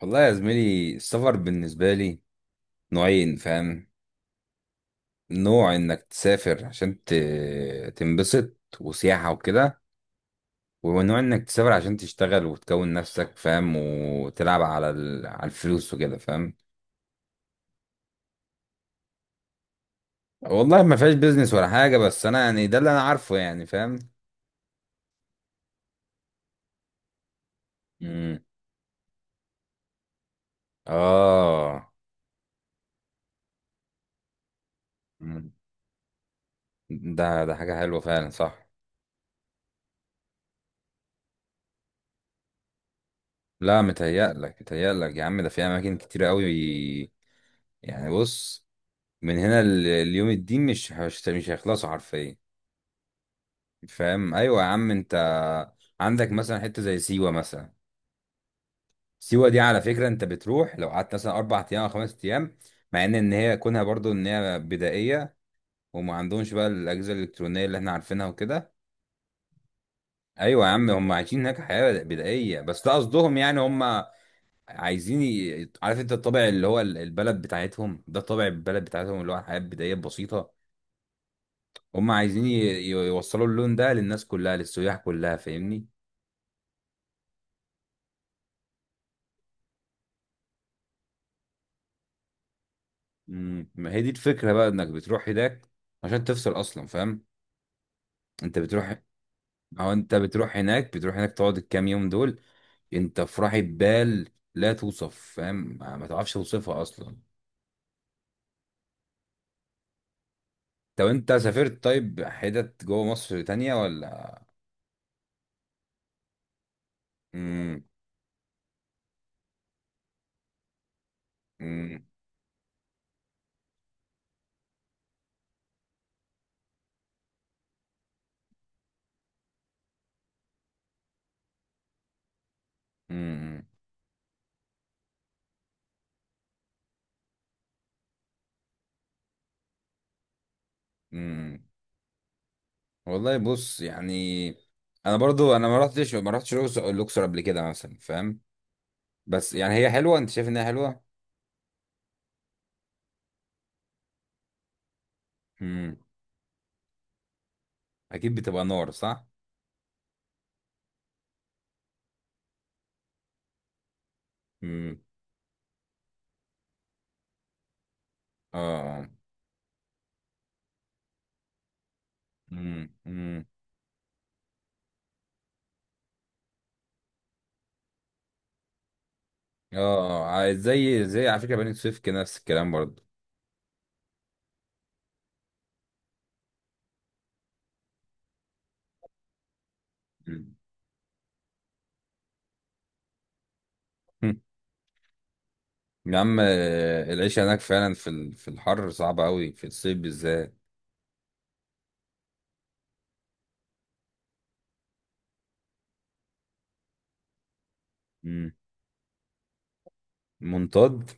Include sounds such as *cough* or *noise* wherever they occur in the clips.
والله يا زميلي، السفر بالنسبة لي نوعين، فاهم؟ نوع انك تسافر عشان تنبسط وسياحة وكده، ونوع انك تسافر عشان تشتغل وتكون نفسك، فاهم، وتلعب على على الفلوس وكده، فاهم. والله ما فيهاش بيزنس ولا حاجة، بس انا يعني ده اللي انا عارفه، يعني فاهم. مم. اه. مم. ده حاجة حلوة فعلا، صح. لا، متهيألك متهيألك يا عم، ده في اماكن كتير قوي. يعني بص، من هنا ليوم الدين مش هيخلصوا حرفيا، فاهم. ايوه يا عم انت، عندك مثلا حته زي سيوه مثلا. سيوه دي على فكره، انت بتروح لو قعدت مثلا اربع ايام او خمس ايام، مع ان هي كونها برضو ان هي بدائيه، وما عندهمش بقى الاجهزه الالكترونيه اللي احنا عارفينها وكده. ايوه يا عم، هم عايشين هناك حياه بدائيه، بس ده قصدهم يعني. هم عايزين عارف انت الطابع اللي هو البلد بتاعتهم، ده طابع البلد بتاعتهم اللي هو حياه بدائيه بسيطه. هم عايزين يوصلوا اللون ده للناس كلها، للسياح كلها، فاهمني. مم. ما هي دي الفكرة بقى، انك بتروح هناك عشان تفصل اصلا، فاهم. انت بتروح، او انت بتروح هناك، بتروح هناك تقعد الكام يوم دول، انت في راحة بال لا توصف، فاهم، ما ما تعرفش توصفها اصلا. طب انت سافرت طيب حتت جوه مصر تانية ولا؟ مم. مم. مم. مم. والله بص يعني، انا برضو انا ما رحتش الأقصر قبل كده مثلا، فاهم. بس يعني هي حلوة، انت شايف انها حلوة. امم. اكيد بتبقى نار، صح. امم. اه. امم. امم. اه. آه. زي على فكرة بني سويف كده نفس الكلام برضه. مم. *laughs* يا عم، العيش هناك فعلا في في الحر صعبة قوي في الصيف بالذات. مم. منطاد.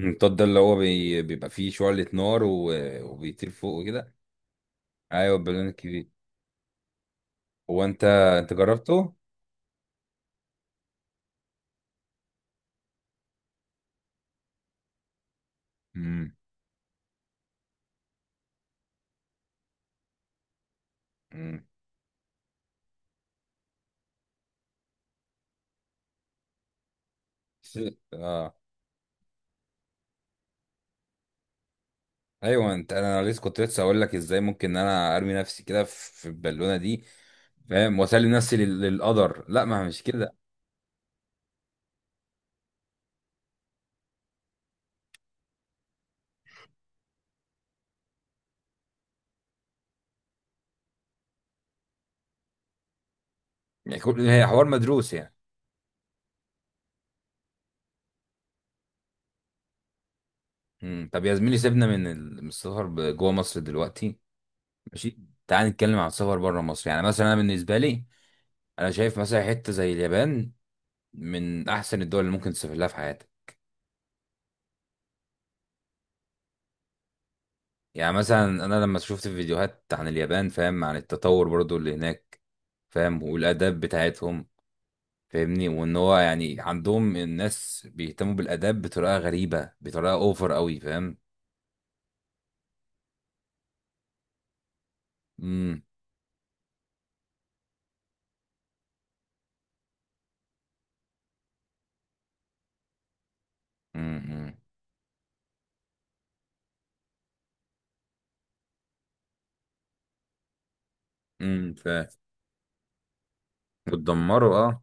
المنطاد ده اللي هو بيبقى فيه شعلة نار وبيطير فوق وكده. ايوه البالون الكبير. هو انت، انت جربته؟ امم. امم. اه. ايوه انت، انا لسه كنت لسه اقول لك ازاي ممكن ان انا ارمي نفسي كده في البالونه دي، فاهم، واسلم نفسي للقدر. لا، ما هي مش كده. يعني هي حوار مدروس يعني. مم. طب يا زميلي، سيبنا من من السفر جوه مصر دلوقتي. ماشي. تعال نتكلم عن السفر بره مصر. يعني مثلا انا بالنسبه لي، انا شايف مثلا حته زي اليابان من احسن الدول اللي ممكن تسافر لها في حياتك. يعني مثلا انا لما شفت فيديوهات عن اليابان، فاهم، عن التطور برضو اللي هناك، فاهم، والاداب بتاعتهم، فاهمني، وان هو يعني عندهم الناس بيهتموا بالاداب بطريقه غريبه، بطريقه اوفر قوي، فاهم. امم. امم. امم. بتدمروا، اه.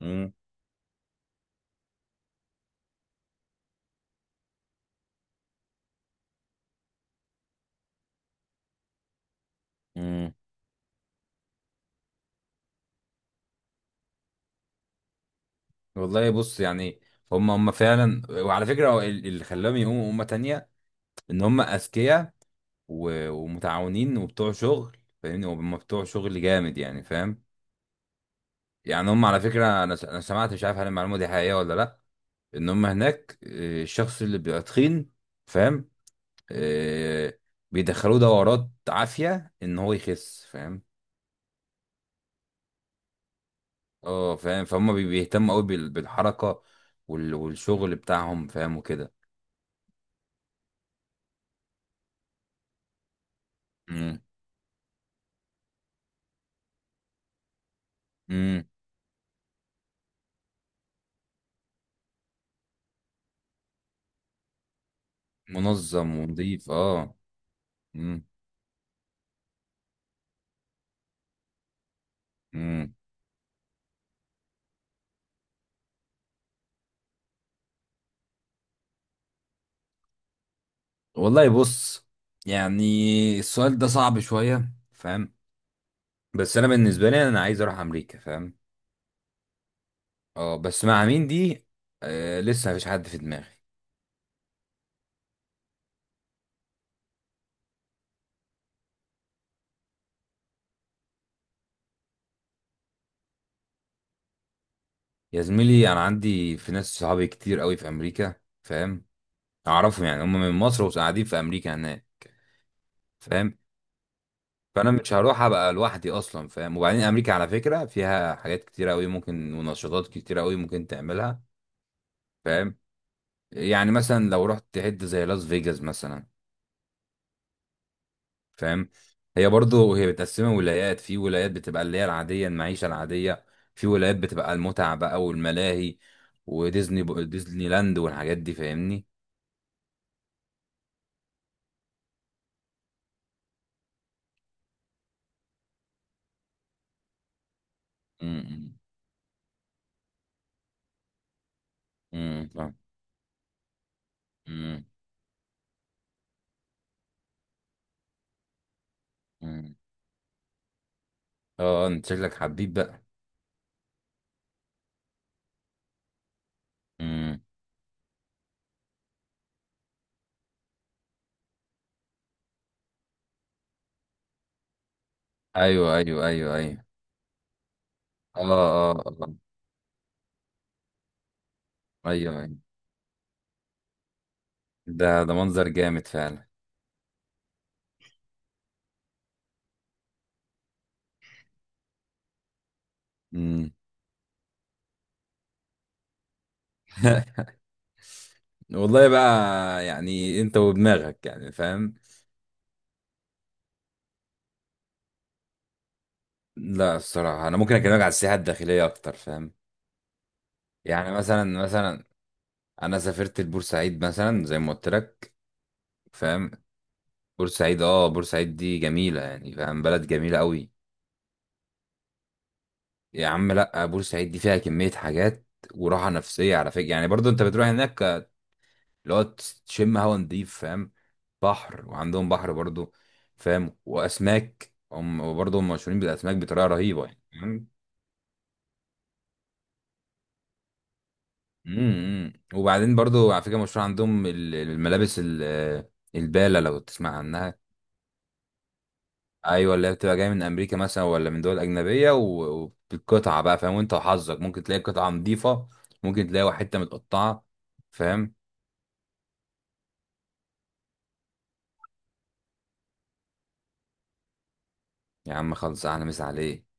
امم. امم. والله بص يعني، هم فعلا. وعلى فكره هو اللي خلاهم يقوموا امه تانية، ان هم اذكياء، ومتعاونين وبتوع شغل. فاهمني، هم بتوع شغل جامد يعني، فاهم. يعني هم على فكره، انا انا سمعت، مش عارف هل المعلومه دي حقيقيه ولا لا، ان هم هناك، الشخص اللي بيبقى تخين، فاهم، آه، بيدخلوه دورات عافية ان هو يخس، فاهم. اه فاهم، فهم بيهتموا قوي بالحركة والشغل بتاعهم، فاهم، وكده. امم. امم. منظم ونظيف، اه. امم. امم. والله بص يعني، السؤال ده صعب شوية، فاهم. بس انا بالنسبة لي انا عايز اروح امريكا، فاهم. اه بس مع مين دي، آه لسه مفيش حد في دماغي. يا زميلي، انا عندي في ناس صحابي كتير قوي في امريكا، فاهم، اعرفهم يعني. هم من مصر وقاعدين في امريكا هناك، فاهم. فانا مش هروح ابقى لوحدي اصلا، فاهم. وبعدين امريكا على فكره فيها حاجات كتيره قوي ممكن، ونشاطات كتيره قوي ممكن تعملها، فاهم. يعني مثلا لو رحت تحد زي لاس فيجاس مثلا، فاهم، هي برضو هي متقسمه ولايات. في ولايات بتبقى اللي هي العاديه، المعيشه العاديه، في ولايات بتبقى المتعه بقى والملاهي، ديزني لاند والحاجات دي، فاهمني. امم. امم. فاهم. أمم. أمم. اه انت شكلك حبيب بقى. امم. ايوه ايوه ايوه ايوه. اه اه. آه، ايوه ايوه. ده منظر جامد فعلا. امم. *laughs* والله بقى يعني انت ودماغك، يعني فاهم. لا الصراحه انا ممكن اكلمك على السياحه الداخليه اكتر، فاهم. يعني مثلا مثلا انا سافرت لبورسعيد مثلا زي ما قلت لك، فاهم. بورسعيد؟ اه بورسعيد دي جميله يعني، فاهم، بلد جميله قوي. يا عم لا، بورسعيد دي فيها كميه حاجات، وراحه نفسيه على فكره يعني. برضو انت بتروح هناك اللي هو تشم هوا نضيف، فاهم، بحر، وعندهم بحر برضو، فاهم، واسماك، هم وبرضو هم مشهورين بالاسماك بطريقه رهيبه يعني، فاهم؟ امم. امم. وبعدين برضو على فكره مشهور عندهم الملابس الباله، لو تسمع عنها. ايوه، اللي هي بتبقى جايه من امريكا مثلا ولا من دول اجنبيه، وبالقطعه بقى، فاهم، وانت وحظك ممكن تلاقي قطعه نظيفه، ممكن تلاقي حته متقطعه، فاهم. يا عم خلص، احلى مسا عليك.